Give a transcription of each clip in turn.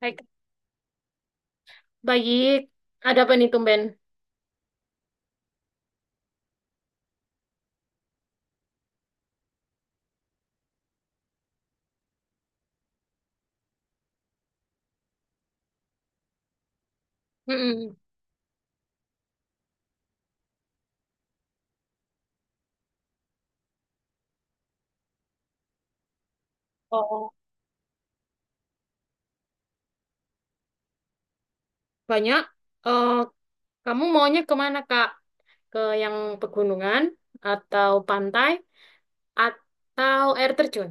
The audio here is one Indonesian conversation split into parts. Baik, baik. Ada apa nih tumben? Mm-mm. Oh, banyak. Eh, kamu maunya kemana, Kak? Ke yang pegunungan atau pantai atau air terjun?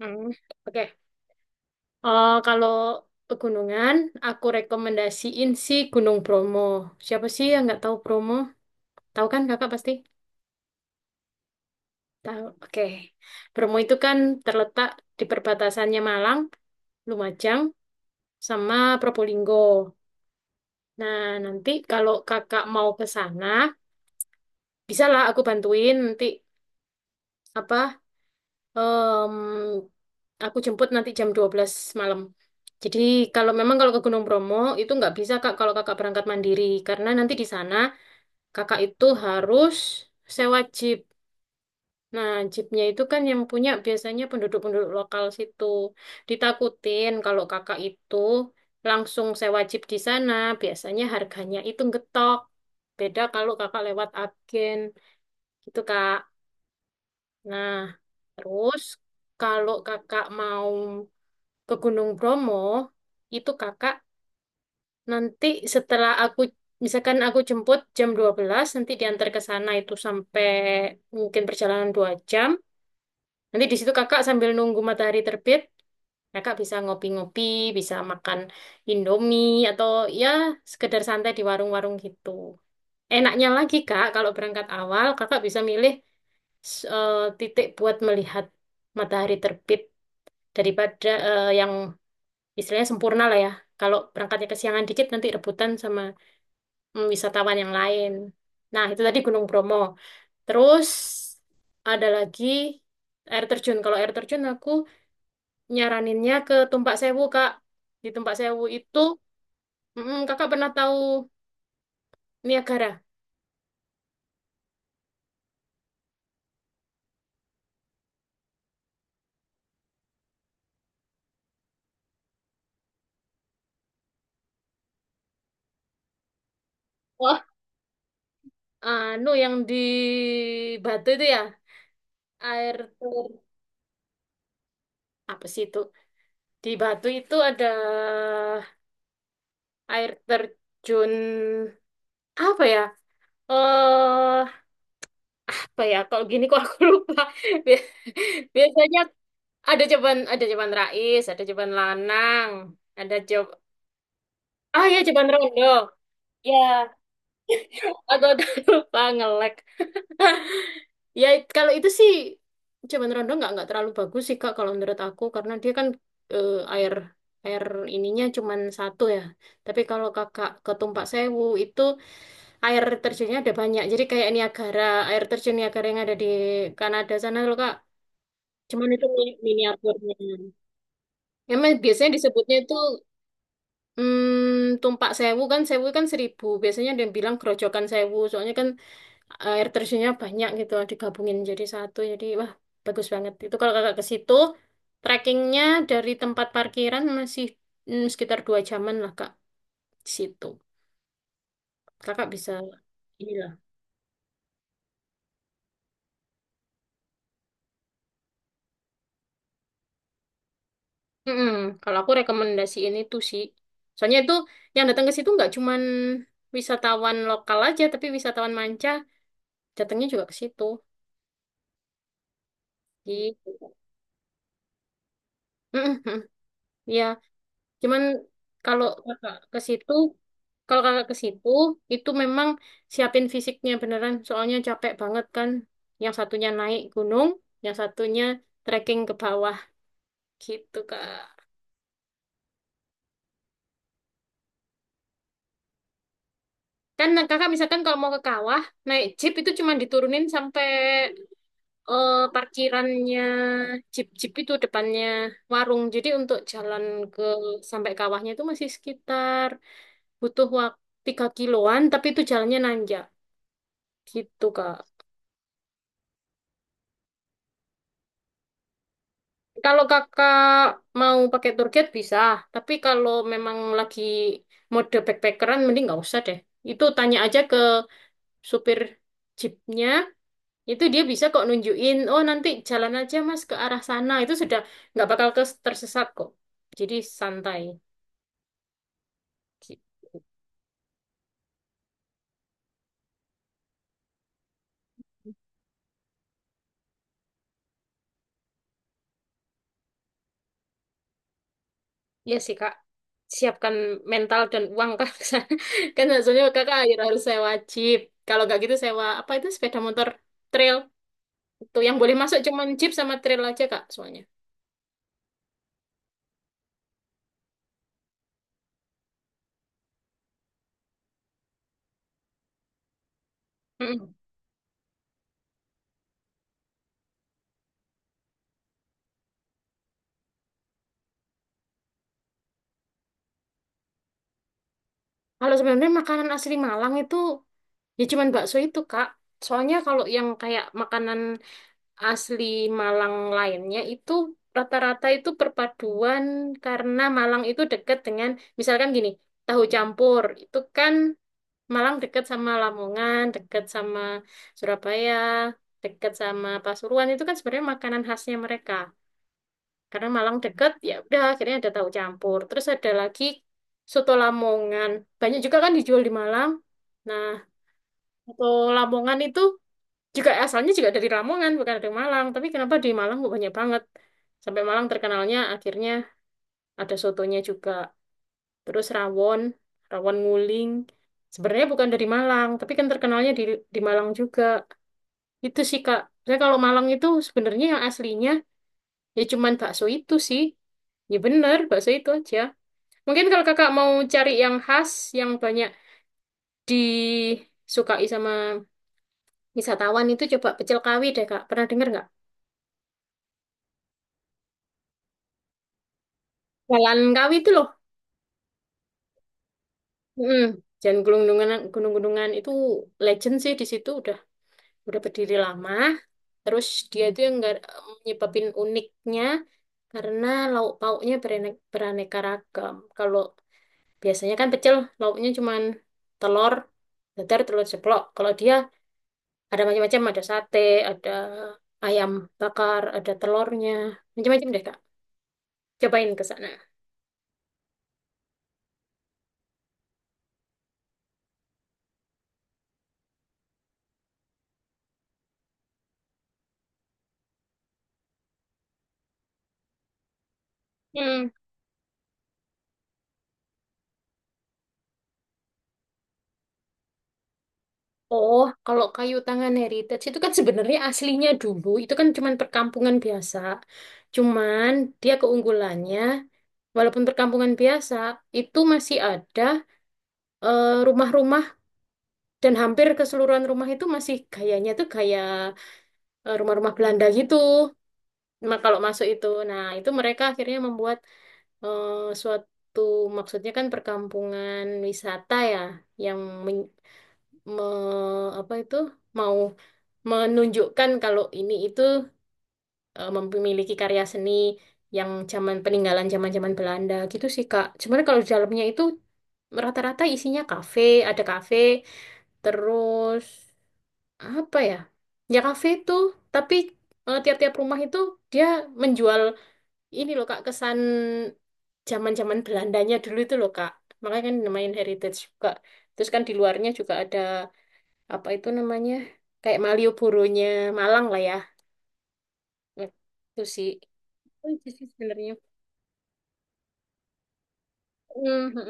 Hmm. Oke. Eh, kalau pegunungan, aku rekomendasiin sih Gunung Bromo. Siapa sih yang nggak tahu Bromo? Tahu kan kakak pasti? Tahu. Oke. Bromo itu kan terletak di perbatasannya Malang, Lumajang, sama Probolinggo. Nah, nanti kalau kakak mau ke sana, bisa lah aku bantuin nanti apa em, aku jemput nanti jam 12 malam. Jadi kalau memang kalau ke Gunung Bromo itu nggak bisa Kak kalau kakak berangkat mandiri karena nanti di sana kakak itu harus sewa jeep. Nah, jeepnya itu kan yang punya biasanya penduduk-penduduk lokal situ. Ditakutin kalau kakak itu langsung sewa jeep di sana, biasanya harganya itu ngetok. Beda kalau kakak lewat agen gitu, Kak. Nah, terus kalau kakak mau ke Gunung Bromo, itu kakak nanti setelah aku misalkan aku jemput jam 12 nanti diantar ke sana itu sampai mungkin perjalanan 2 jam. Nanti di situ kakak sambil nunggu matahari terbit, kakak bisa ngopi-ngopi, bisa makan Indomie, atau ya sekedar santai di warung-warung gitu. Enaknya lagi kak, kalau berangkat awal kakak bisa milih titik buat melihat matahari terbit daripada yang istilahnya sempurna lah ya. Kalau berangkatnya kesiangan dikit nanti rebutan sama wisatawan yang lain. Nah, itu tadi Gunung Bromo. Terus ada lagi air terjun. Kalau air terjun aku nyaraninnya ke Tumpak Sewu, Kak. Di Tumpak Sewu itu, Kakak pernah tahu Niagara? Wah, anu yang di Batu itu ya, air ter apa sih itu? Di Batu itu ada air terjun apa ya? Eh, apa ya? Kalau gini kok aku lupa. Bi- Biasanya ada Jeban Rais, ada Jeban Lanang, ada Jeb ah ya Jeban Rondo. Ya, aku agak lupa ngelek. Ya, kalau itu sih cuman Rondo nggak terlalu bagus sih Kak kalau menurut aku karena dia kan air air ininya cuman satu ya. Tapi kalau Kakak ke Tumpak Sewu itu air terjunnya ada banyak. Jadi kayak Niagara, air terjun Niagara yang ada di Kanada sana loh Kak. Cuman itu miniaturnya. Emang biasanya disebutnya itu Tumpak Sewu kan seribu. Biasanya ada yang bilang Grojogan Sewu. Soalnya kan air terjunnya banyak gitu digabungin jadi satu, jadi wah, bagus banget itu kalau kakak ke situ. Trekkingnya dari tempat parkiran masih sekitar 2 jaman lah kak, di situ kakak bisa inilah. Mm-mm. Kalau aku rekomendasi ini tuh sih soalnya itu yang datang ke situ nggak cuman wisatawan lokal aja tapi wisatawan manca datangnya juga ke situ gitu. Mm-mm. Ya, cuman kalau kakak ke situ, kalau kakak ke situ, itu memang siapin fisiknya beneran, soalnya capek banget kan. Yang satunya naik gunung, yang satunya trekking ke bawah gitu kak. Kan kakak misalkan kalau mau ke kawah, naik jeep itu cuma diturunin sampai parkirannya jeep-jeep itu depannya warung. Jadi untuk jalan ke sampai kawahnya itu masih sekitar butuh waktu 3 kiloan, tapi itu jalannya nanjak gitu kak. Kalau kakak mau pakai tour guide bisa, tapi kalau memang lagi mode backpackeran mending nggak usah deh. Itu tanya aja ke supir jeepnya, itu dia bisa kok nunjukin, oh nanti jalan aja mas ke arah sana, itu sudah nggak bakal tersesat kok. Jadi santai. Gitu. Iya sih kak, siapkan mental dan uang kak. Kan maksudnya kakak akhir harus sewa jeep. Kalau nggak gitu sewa apa itu sepeda motor trail. Tuh yang boleh masuk cuman jeep sama trail aja kak soalnya. Mm-mm. Kalau sebenarnya makanan asli Malang itu ya cuman bakso itu, Kak. Soalnya kalau yang kayak makanan asli Malang lainnya itu rata-rata itu perpaduan karena Malang itu dekat dengan, misalkan gini, tahu campur itu kan, Malang dekat sama Lamongan, dekat sama Surabaya, dekat sama Pasuruan, itu kan sebenarnya makanan khasnya mereka. Karena Malang deket ya udah akhirnya ada tahu campur, terus ada lagi soto Lamongan banyak juga kan dijual di Malang. Nah, soto Lamongan itu juga asalnya juga dari Lamongan bukan dari Malang, tapi kenapa di Malang kok banyak banget sampai Malang terkenalnya akhirnya ada sotonya juga. Terus rawon, rawon nguling sebenarnya bukan dari Malang tapi kan terkenalnya di Malang juga. Itu sih Kak, saya kalau Malang itu sebenarnya yang aslinya ya cuman bakso itu sih, ya bener bakso itu aja. Mungkin kalau kakak mau cari yang khas, yang banyak disukai sama wisatawan, itu coba pecel Kawi deh kak. Pernah dengar nggak? Jalan Kawi itu loh. Mm. Jalan Gunung-Gunungan, Gunung-Gunungan itu legend sih, di situ udah berdiri lama. Terus dia itu yang nggak nyebabin uniknya karena lauk pauknya beraneka ragam. Kalau biasanya kan pecel lauknya cuman telur dadar, telur ceplok. Kalau dia ada macam-macam, ada sate, ada ayam bakar, ada telurnya, macam-macam deh, Kak. Cobain ke sana. Hmm. Oh, kalau Kayu Tangan Heritage itu kan sebenarnya aslinya dulu itu kan cuman perkampungan biasa. Cuman dia keunggulannya, walaupun perkampungan biasa itu masih ada rumah-rumah dan hampir keseluruhan rumah itu masih gayanya tuh gaya rumah-rumah Belanda gitu. Kalau masuk itu. Nah, itu mereka akhirnya membuat suatu, maksudnya kan perkampungan wisata ya, yang men- apa itu, mau menunjukkan kalau ini itu memiliki karya seni yang zaman peninggalan zaman-zaman Belanda gitu sih Kak. Sebenarnya kalau di dalamnya itu rata-rata isinya kafe, ada kafe, terus apa ya? Ya kafe itu, tapi tiap-tiap rumah itu dia menjual, ini loh Kak, kesan zaman-zaman Belandanya dulu itu loh Kak. Makanya kan namain heritage juga. Terus kan di luarnya juga ada apa itu namanya? Kayak Malioboro-nya Malang lah ya. Itu sih. Oh, itu sih sebenarnya. Mhm.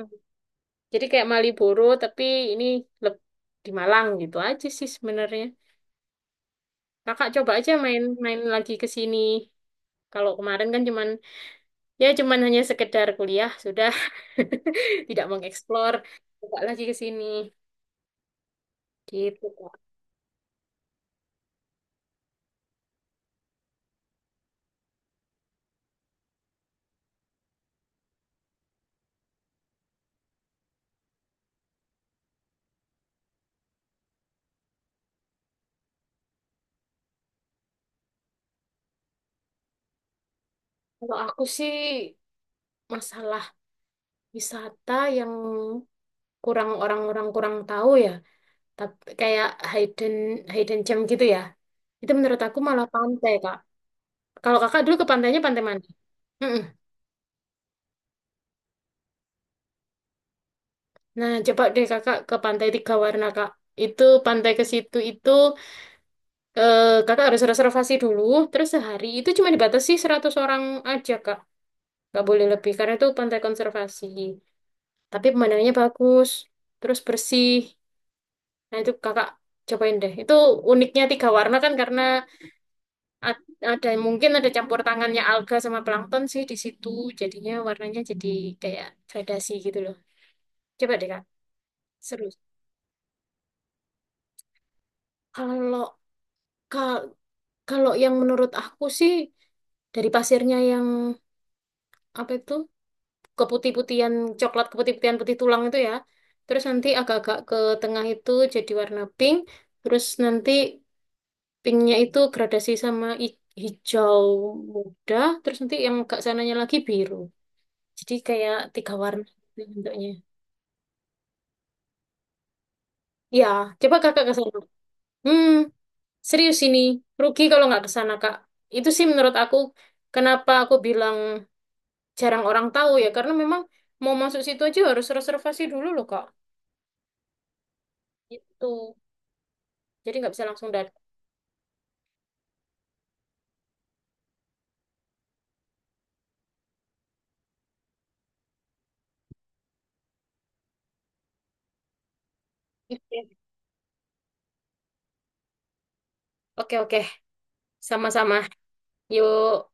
Jadi kayak Malioboro tapi ini leb- di Malang gitu aja sih sebenarnya. Kakak coba aja main-main lagi ke sini. Kalau kemarin kan cuman ya cuman hanya sekedar kuliah sudah, tidak mengeksplor. Coba lagi ke sini gitu Kak. Kalau aku sih masalah wisata yang kurang, orang-orang kurang tahu ya, tapi kayak hidden hidden gem gitu ya, itu menurut aku malah pantai, Kak. Kalau Kakak dulu ke pantainya pantai mana? Mm-mm. Nah, coba deh Kakak ke Pantai Tiga Warna, Kak. Itu pantai, ke situ itu Kakak harus reservasi dulu, terus sehari itu cuma dibatasi 100 orang aja, Kak. Nggak boleh lebih karena itu pantai konservasi. Tapi pemandangannya bagus, terus bersih. Nah, itu kakak cobain deh. Itu uniknya tiga warna kan karena ada mungkin ada campur tangannya alga sama plankton sih di situ. Jadinya warnanya jadi kayak gradasi gitu loh. Coba deh kak, seru. Kalau ka- kalau yang menurut aku sih dari pasirnya yang apa itu keputih-putihan, coklat keputih-putihan, putih tulang itu ya. Terus nanti agak-agak ke tengah itu jadi warna pink. Terus nanti pinknya itu gradasi sama hijau muda, terus nanti yang agak sananya lagi biru. Jadi kayak tiga warna gitu bentuknya. Ya, coba kakak ke sana. Hmm, serius ini. Rugi kalau nggak ke sana, Kak. Itu sih menurut aku, kenapa aku bilang jarang orang tahu ya. Karena memang mau masuk situ aja harus reservasi dulu loh, Kak. Itu. Jadi nggak bisa langsung datang. Oke, oke. Sama-sama. Yuk.